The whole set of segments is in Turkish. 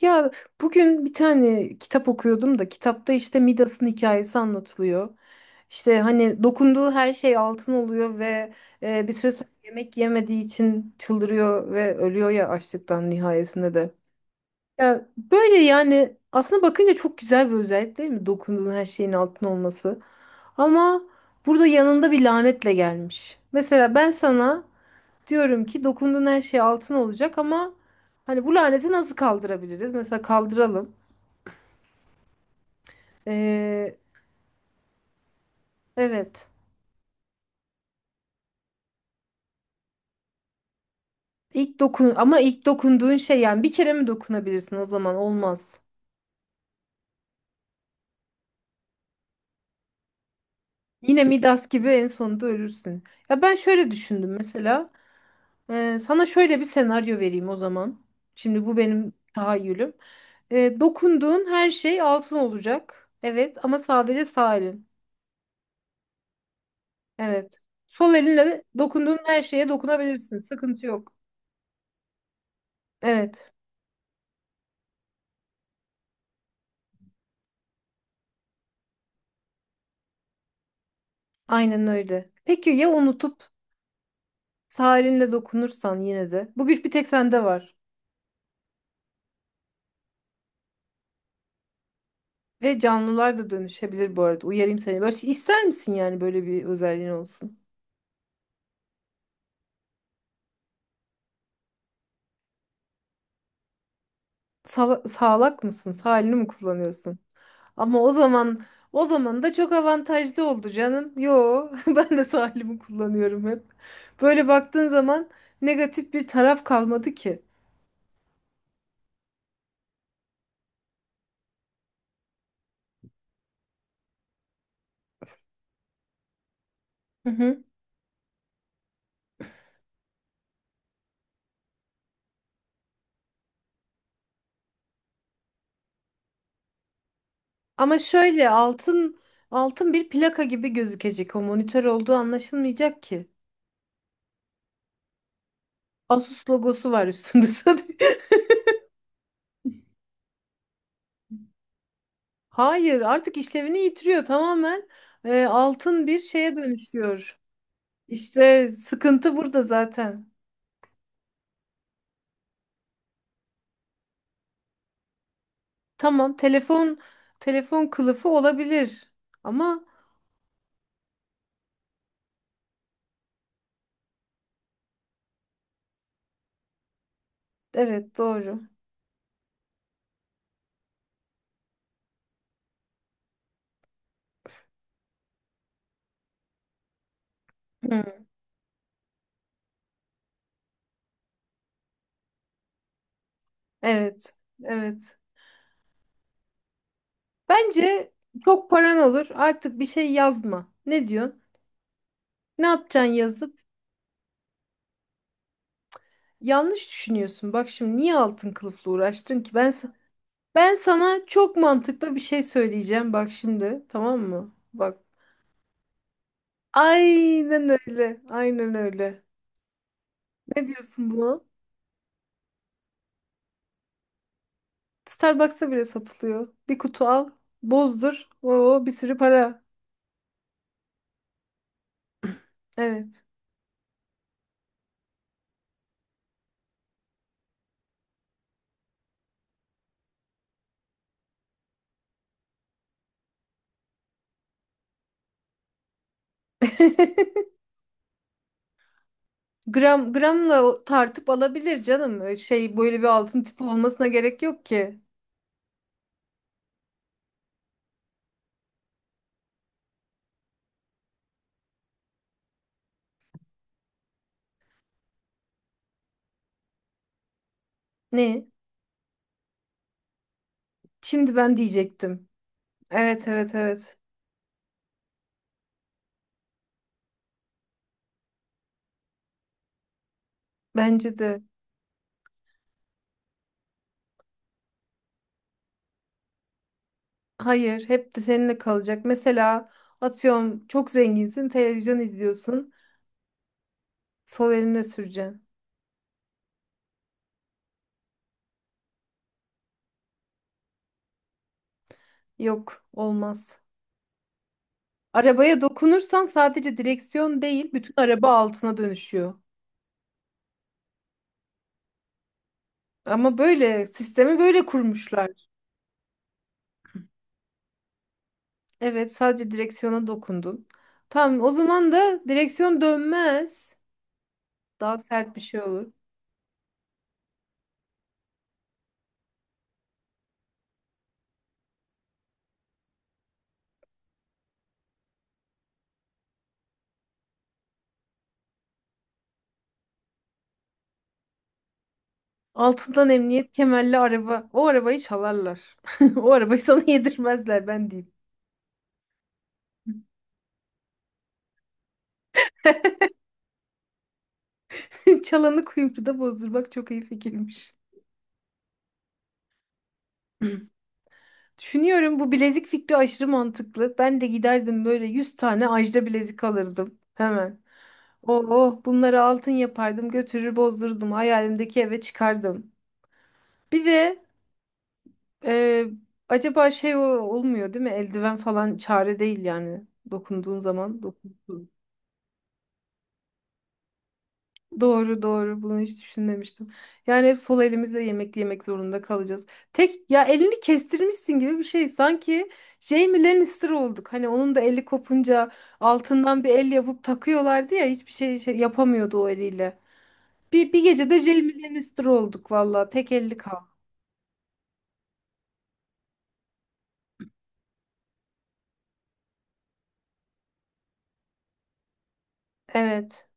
Ya bugün bir tane kitap okuyordum da kitapta işte Midas'ın hikayesi anlatılıyor. İşte hani dokunduğu her şey altın oluyor ve bir süre sonra yemek yemediği için çıldırıyor ve ölüyor ya açlıktan nihayesinde de. Ya böyle yani aslında bakınca çok güzel bir özellik değil mi? Dokunduğun her şeyin altın olması. Ama burada yanında bir lanetle gelmiş. Mesela ben sana diyorum ki dokunduğun her şey altın olacak ama hani bu laneti nasıl kaldırabiliriz? Mesela kaldıralım. Ee, evet. İlk dokun ama ilk dokunduğun şey yani bir kere mi dokunabilirsin o zaman olmaz. Yine Midas gibi en sonunda ölürsün. Ya ben şöyle düşündüm mesela. Sana şöyle bir senaryo vereyim o zaman. Şimdi bu benim tahayyülüm. Dokunduğun her şey altın olacak. Evet ama sadece sağ elin. Evet. Sol elinle dokunduğun her şeye dokunabilirsin. Sıkıntı yok. Evet, aynen öyle. Peki ya unutup sarinle dokunursan yine de? Bu güç bir tek sende var. Ve canlılar da dönüşebilir bu arada. Uyarayım seni. Böyle şey, ister misin yani böyle bir özelliğin olsun? Sağlak mısın? Sağlini mi kullanıyorsun? Ama o zaman da çok avantajlı oldu canım. Yo, ben de sağlimi kullanıyorum hep. Böyle baktığın zaman negatif bir taraf kalmadı ki. Ama şöyle altın altın bir plaka gibi gözükecek. O monitör olduğu anlaşılmayacak ki. Asus logosu var üstünde sadece. Hayır, artık işlevini yitiriyor tamamen. Altın bir şeye dönüşüyor. İşte sıkıntı burada zaten. Tamam, telefon kılıfı olabilir. Ama evet doğru. Hmm, evet. Evet. Bence çok paran olur. Artık bir şey yazma. Ne diyorsun? Ne yapacaksın yazıp? Yanlış düşünüyorsun. Bak şimdi niye altın kılıfla uğraştın ki? Ben sana çok mantıklı bir şey söyleyeceğim. Bak şimdi, tamam mı? Bak. Aynen öyle. Aynen öyle. Ne diyorsun buna? Starbucks'ta bile satılıyor. Bir kutu al, bozdur. Oo, bir sürü para. Evet. Gram gramla tartıp alabilir canım. Öyle şey böyle bir altın tipi olmasına gerek yok ki. Ne? Şimdi ben diyecektim. Evet evet evet. Bence de. Hayır, hep de seninle kalacak. Mesela atıyorum çok zenginsin, televizyon izliyorsun. Sol eline süreceksin. Yok, olmaz. Arabaya dokunursan sadece direksiyon değil, bütün araba altına dönüşüyor. Ama böyle sistemi böyle kurmuşlar. Evet, sadece direksiyona dokundun. Tamam, o zaman da direksiyon dönmez. Daha sert bir şey olur. Altından emniyet kemerli araba. O arabayı çalarlar. O arabayı sana yedirmezler ben diyeyim. Çalanı kuyumcuda bozdurmak çok iyi fikirmiş. Düşünüyorum bu bilezik fikri aşırı mantıklı. Ben de giderdim böyle 100 tane ajda bilezik alırdım hemen. Oo, bunları altın yapardım, götürür bozdururdum hayalimdeki eve çıkardım. Bir de e, acaba şey olmuyor değil mi? Eldiven falan çare değil yani dokunduğun zaman. Dokun. Doğru doğru bunu hiç düşünmemiştim. Yani hep sol elimizle yemek yemek zorunda kalacağız. Tek ya elini kestirmişsin gibi bir şey. Sanki Jaime Lannister olduk. Hani onun da eli kopunca altından bir el yapıp takıyorlardı ya hiçbir şey, şey yapamıyordu o eliyle. Bir gecede Jaime Lannister olduk valla tek elli kal. Evet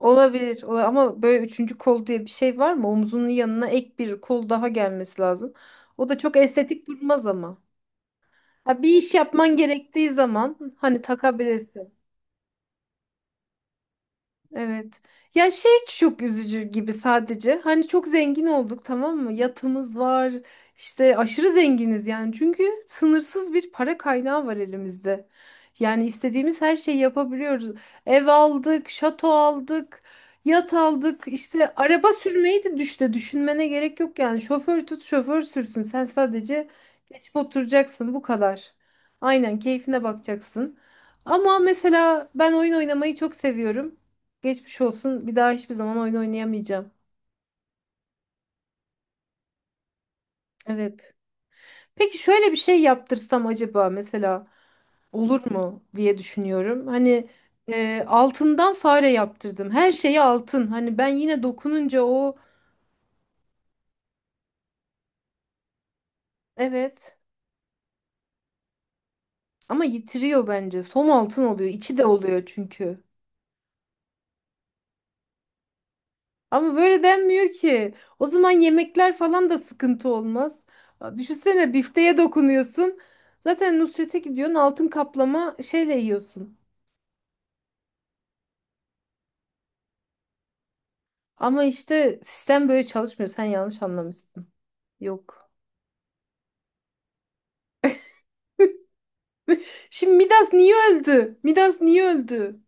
olabilir, ama böyle üçüncü kol diye bir şey var mı? Omzunun yanına ek bir kol daha gelmesi lazım. O da çok estetik durmaz ama. Ha, bir iş yapman gerektiği zaman hani takabilirsin. Evet. Ya şey çok üzücü gibi sadece. Hani çok zengin olduk tamam mı? Yatımız var. İşte aşırı zenginiz yani. Çünkü sınırsız bir para kaynağı var elimizde. Yani istediğimiz her şeyi yapabiliyoruz. Ev aldık, şato aldık, yat aldık. İşte araba sürmeyi de düşünmene gerek yok yani. Şoför tut, şoför sürsün. Sen sadece geçip oturacaksın bu kadar. Aynen keyfine bakacaksın. Ama mesela ben oyun oynamayı çok seviyorum. Geçmiş olsun. Bir daha hiçbir zaman oyun oynayamayacağım. Evet. Peki şöyle bir şey yaptırsam acaba mesela olur mu diye düşünüyorum. Hani altından fare yaptırdım. Her şeyi altın. Hani ben yine dokununca o evet ama yitiriyor bence. Som altın oluyor. İçi de oluyor çünkü. Ama böyle denmiyor ki. O zaman yemekler falan da sıkıntı olmaz. Düşünsene bifteye dokunuyorsun. Zaten Nusret'e gidiyorsun altın kaplama şeyle yiyorsun. Ama işte sistem böyle çalışmıyor. Sen yanlış anlamışsın. Yok. Şimdi Midas niye öldü? Midas niye öldü?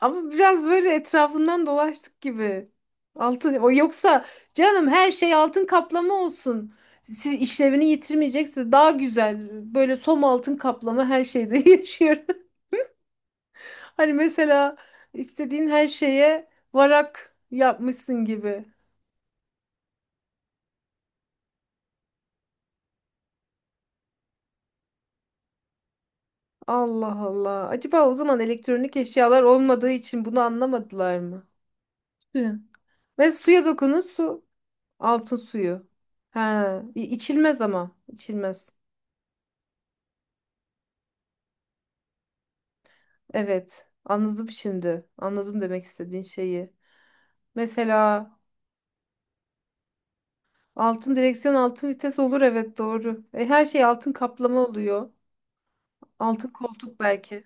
Ama biraz böyle etrafından dolaştık gibi. Altın o yoksa canım her şey altın kaplama olsun. Siz işlevini yitirmeyecekse daha güzel. Böyle som altın kaplama her şeyde yaşıyorum. Hani mesela istediğin her şeye varak yapmışsın gibi. Allah Allah. Acaba o zaman elektronik eşyalar olmadığı için bunu anlamadılar mı? Hı. Ve suya dokunun su. Altın suyu. Ha, içilmez ama. İçilmez. Evet. Anladım şimdi. Anladım demek istediğin şeyi. Mesela altın direksiyon, altın vites olur evet doğru. Her şey altın kaplama oluyor. Altın koltuk belki.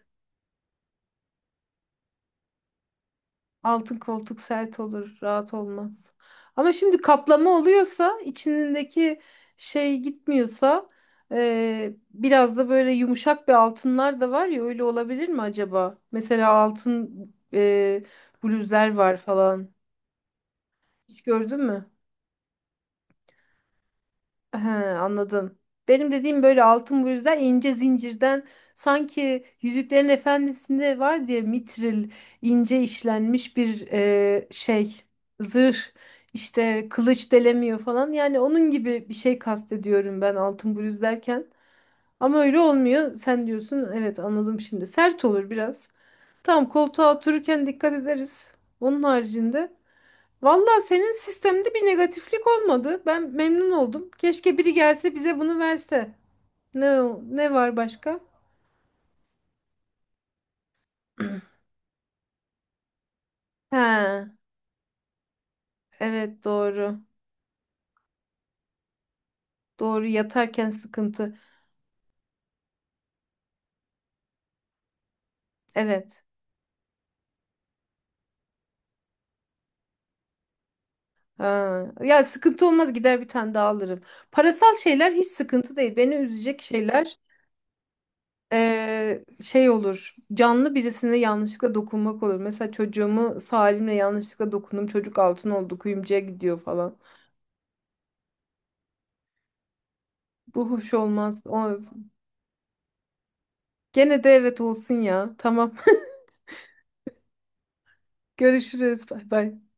Altın koltuk sert olur, rahat olmaz. Ama şimdi kaplama oluyorsa, içindeki şey gitmiyorsa, biraz da böyle yumuşak bir altınlar da var ya, öyle olabilir mi acaba? Mesela altın bluzlar var falan. Hiç gördün mü? He, anladım. Benim dediğim böyle altın bu yüzden ince zincirden sanki Yüzüklerin Efendisi'nde var diye mitril ince işlenmiş bir şey zırh işte kılıç delemiyor falan yani onun gibi bir şey kastediyorum ben altın bluz derken ama öyle olmuyor sen diyorsun evet anladım şimdi sert olur biraz tamam koltuğa otururken dikkat ederiz onun haricinde valla senin sistemde bir negatiflik olmadı. Ben memnun oldum. Keşke biri gelse bize bunu verse. Ne ne var başka? Ha, evet doğru. Doğru yatarken sıkıntı. Evet. Ha. Ya sıkıntı olmaz gider bir tane daha alırım. Parasal şeyler hiç sıkıntı değil. Beni üzecek şeyler şey olur. Canlı birisine yanlışlıkla dokunmak olur. Mesela çocuğumu Salim'le yanlışlıkla dokundum. Çocuk altın oldu kuyumcuya gidiyor falan. Bu hoş olmaz. O gene de evet olsun ya. Tamam. Görüşürüz. Bay bay.